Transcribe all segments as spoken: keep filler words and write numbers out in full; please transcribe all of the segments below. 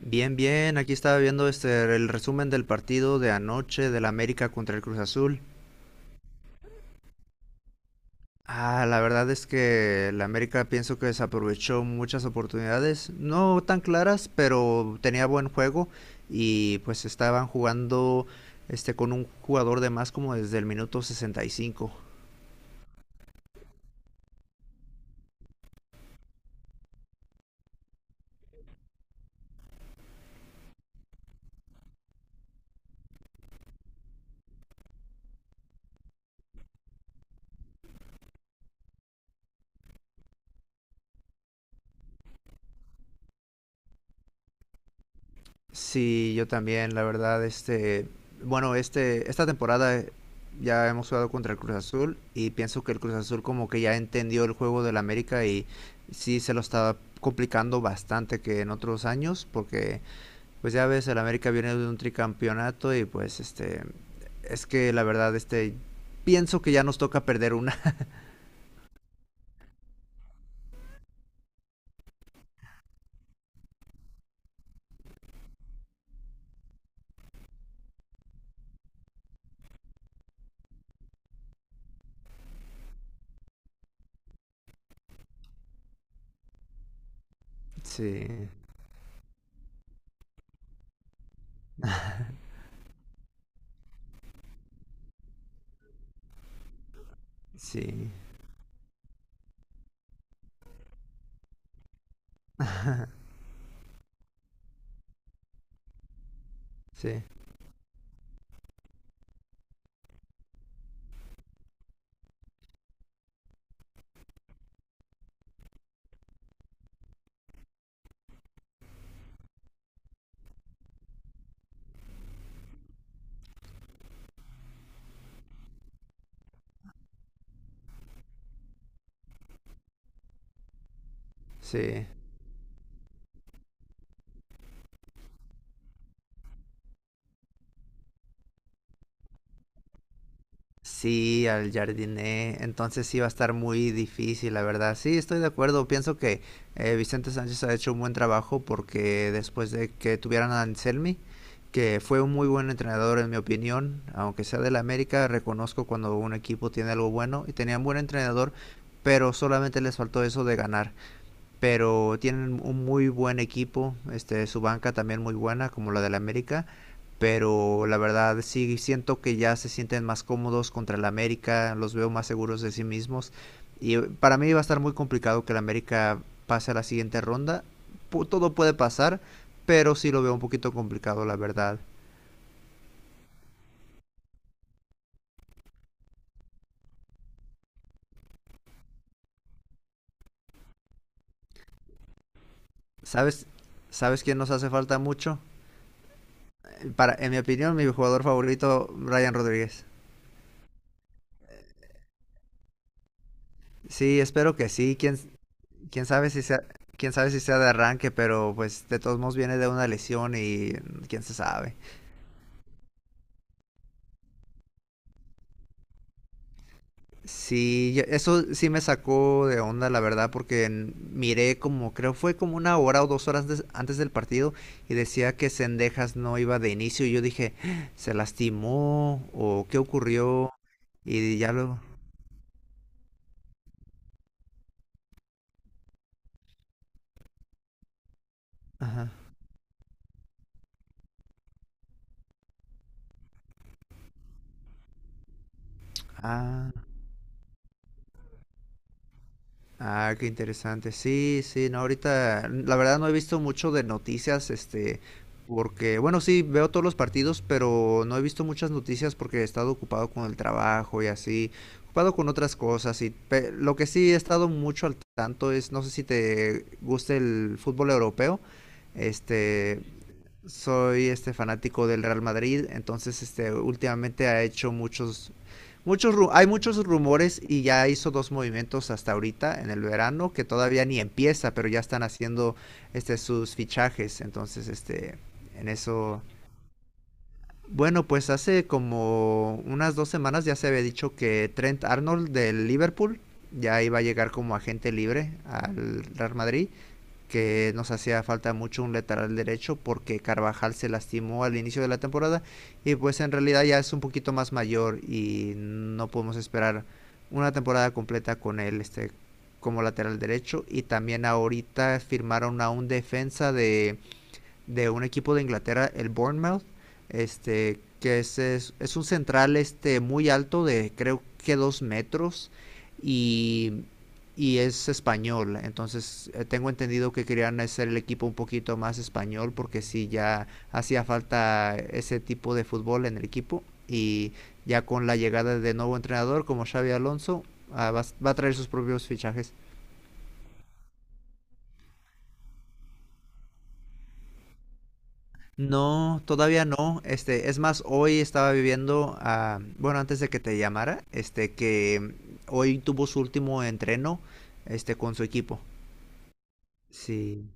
Bien, bien, aquí estaba viendo este el resumen del partido de anoche del América contra el Cruz Azul. Ah, la verdad es que el América pienso que desaprovechó muchas oportunidades, no tan claras, pero tenía buen juego y pues estaban jugando este con un jugador de más como desde el minuto sesenta y cinco. Sí, yo también, la verdad, este, bueno, este, esta temporada eh, ya hemos jugado contra el Cruz Azul y pienso que el Cruz Azul como que ya entendió el juego del América y sí se lo estaba complicando bastante que en otros años, porque pues ya ves, el América viene de un tricampeonato y pues este, es que la verdad, este, pienso que ya nos toca perder una. Sí, sí, sí, sí. Sí, al jardiné. Entonces sí va a estar muy difícil, la verdad. Sí, estoy de acuerdo. Pienso que eh, Vicente Sánchez ha hecho un buen trabajo, porque después de que tuvieran a Anselmi, que fue un muy buen entrenador en mi opinión, aunque sea del América, reconozco cuando un equipo tiene algo bueno y tenían buen entrenador, pero solamente les faltó eso de ganar. Pero tienen un muy buen equipo, este, su banca también muy buena, como la del América, pero la verdad sí siento que ya se sienten más cómodos contra el América, los veo más seguros de sí mismos, y para mí va a estar muy complicado que el América pase a la siguiente ronda. Todo puede pasar, pero sí lo veo un poquito complicado, la verdad. ¿Sabes? ¿Sabes quién nos hace falta mucho? Para, en mi opinión, mi jugador favorito, Ryan Rodríguez. Sí, espero que sí. ¿Quién, Quién sabe si sea, ¿Quién sabe si sea de arranque? Pero pues de todos modos viene de una lesión y mm, quién se sabe. Sí, yo- eso sí me sacó de onda, la verdad, porque en- miré, como creo fue como una hora o dos horas des- antes del partido, y decía que Sendejas no iba de inicio y yo dije, "Ah, ¿se lastimó? ¿O qué ocurrió?" Y ya luego, ajá, ah, ah, qué interesante. Sí, sí, no, ahorita la verdad no he visto mucho de noticias, este, porque, bueno, sí, veo todos los partidos, pero no he visto muchas noticias porque he estado ocupado con el trabajo y así, ocupado con otras cosas. Y pe- lo que sí he estado mucho al tanto es, no sé si te gusta el fútbol europeo, este, soy este fanático del Real Madrid. Entonces este últimamente ha hecho muchos muchos ru- hay muchos rumores, y ya hizo dos movimientos hasta ahorita en el verano, que todavía ni empieza, pero ya están haciendo este sus fichajes. Entonces este en eso bueno, pues hace como unas dos semanas ya se había dicho que Trent Arnold del Liverpool ya iba a llegar como agente libre al Real Madrid, que nos hacía falta mucho un lateral derecho porque Carvajal se lastimó al inicio de la temporada y pues en realidad ya es un poquito más mayor y no podemos esperar una temporada completa con él este como lateral derecho. Y también ahorita firmaron a un defensa de de un equipo de Inglaterra, el Bournemouth, este, que es, es, es un central, este, muy alto, de creo que dos metros, y, y es español. Entonces eh, tengo entendido que querían hacer el equipo un poquito más español, porque sí ya hacía falta ese tipo de fútbol en el equipo, y ya con la llegada de nuevo entrenador como Xavi Alonso, ah, va, va a traer sus propios fichajes. No, todavía no. Este, es más, hoy estaba viviendo, ah, bueno, antes de que te llamara, este, que hoy tuvo su último entreno, este, con su equipo. Sí,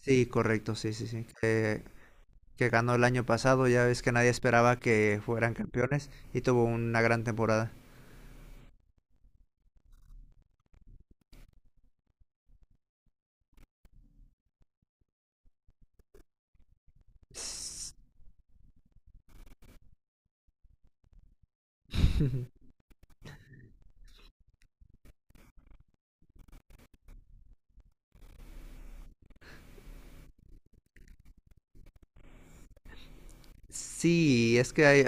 sí, correcto, sí, sí, sí. Que, que ganó el año pasado, ya ves que nadie esperaba que fueran campeones y tuvo una gran temporada. S- Sí, es que hay...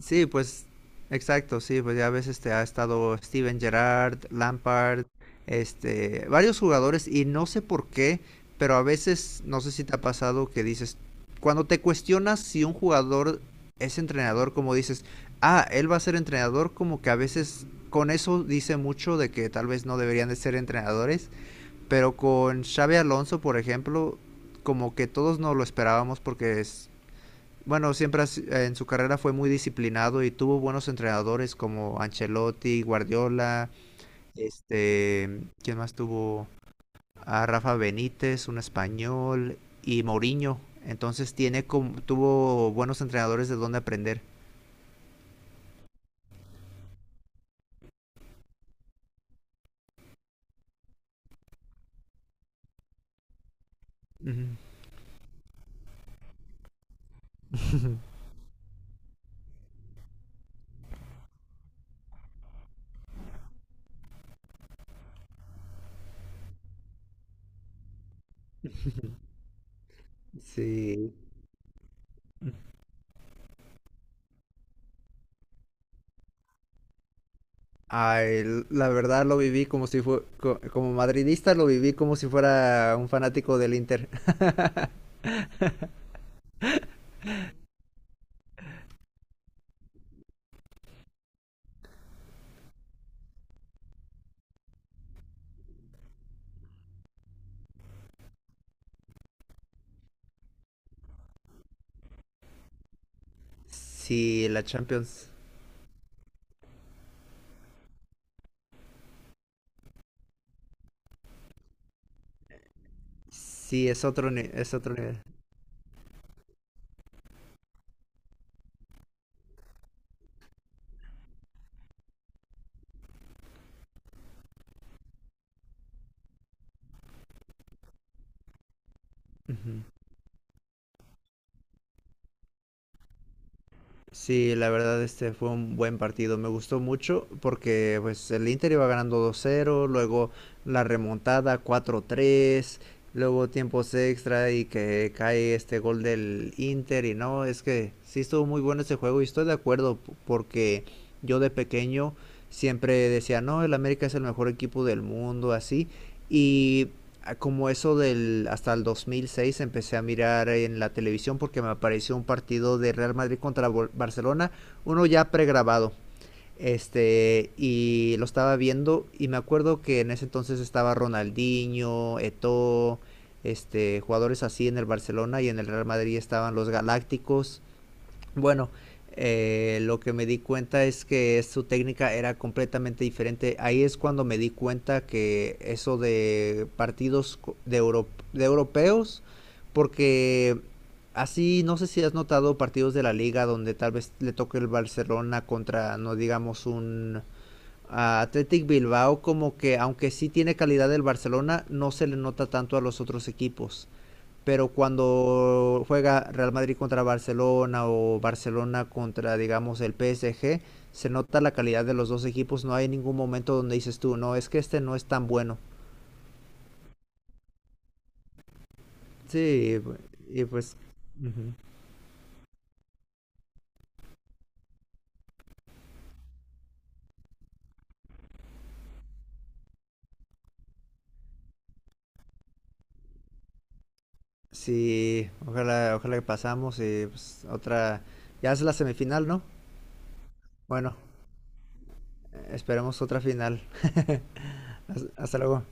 Sí, pues exacto, sí, pues ya ves, este, ha estado Steven Gerrard, Lampard, este, varios jugadores y no sé por qué, pero a veces, no sé si te ha pasado que dices, cuando te cuestionas si un jugador es entrenador, como dices, ah, él va a ser entrenador, como que a veces con eso dice mucho de que tal vez no deberían de ser entrenadores. Pero con Xavi Alonso, por ejemplo, como que todos no lo esperábamos porque es- bueno, siempre has- en su carrera fue muy disciplinado y tuvo buenos entrenadores como Ancelotti, Guardiola, este, ¿quién más tuvo? A Rafa Benítez, un español, y Mourinho. Entonces tiene como, tuvo buenos entrenadores de dónde aprender. Ujú. Sí. Ay, l- la verdad lo viví como si fue, co- como madridista lo viví como si fuera un fanático del Inter. Sí, la Champions. Sí, es otro, ni- es otro nivel. Ujú. Sí, la verdad este fue un buen partido, me gustó mucho porque pues el Inter iba ganando dos cero, luego la remontada cuatro tres, luego tiempos extra y que cae este gol del Inter. Y no, es que sí estuvo muy bueno ese juego, y estoy de acuerdo p- porque yo de pequeño siempre decía, no, el América es el mejor equipo del mundo, así. Y como eso del hasta el dos mil seis empecé a mirar en la televisión porque me apareció un partido de Real Madrid contra Bol- Barcelona, uno ya pregrabado. Este, y lo estaba viendo y me acuerdo que en ese entonces estaba Ronaldinho, Eto'o, este, jugadores así en el Barcelona, y en el Real Madrid estaban los Galácticos. Bueno, eh, lo que me di cuenta es que su técnica era completamente diferente. Ahí es cuando me di cuenta que eso de partidos co- de, euro- de europeos, porque así no sé si has notado partidos de la liga donde tal vez le toque el Barcelona contra, no digamos, un ah, Athletic Bilbao, como que aunque sí tiene calidad el Barcelona, no se le nota tanto a los otros equipos. Pero cuando juega Real Madrid contra Barcelona o Barcelona contra, digamos, el P S G, se nota la calidad de los dos equipos, no hay ningún momento donde dices tú, no, es que este no es tan bueno. Sí, y pues, ujú. Sí, ojalá, ojalá que pasamos y pues otra, ya es la semifinal, ¿no? Bueno, esperemos otra final. Hasta hasta luego.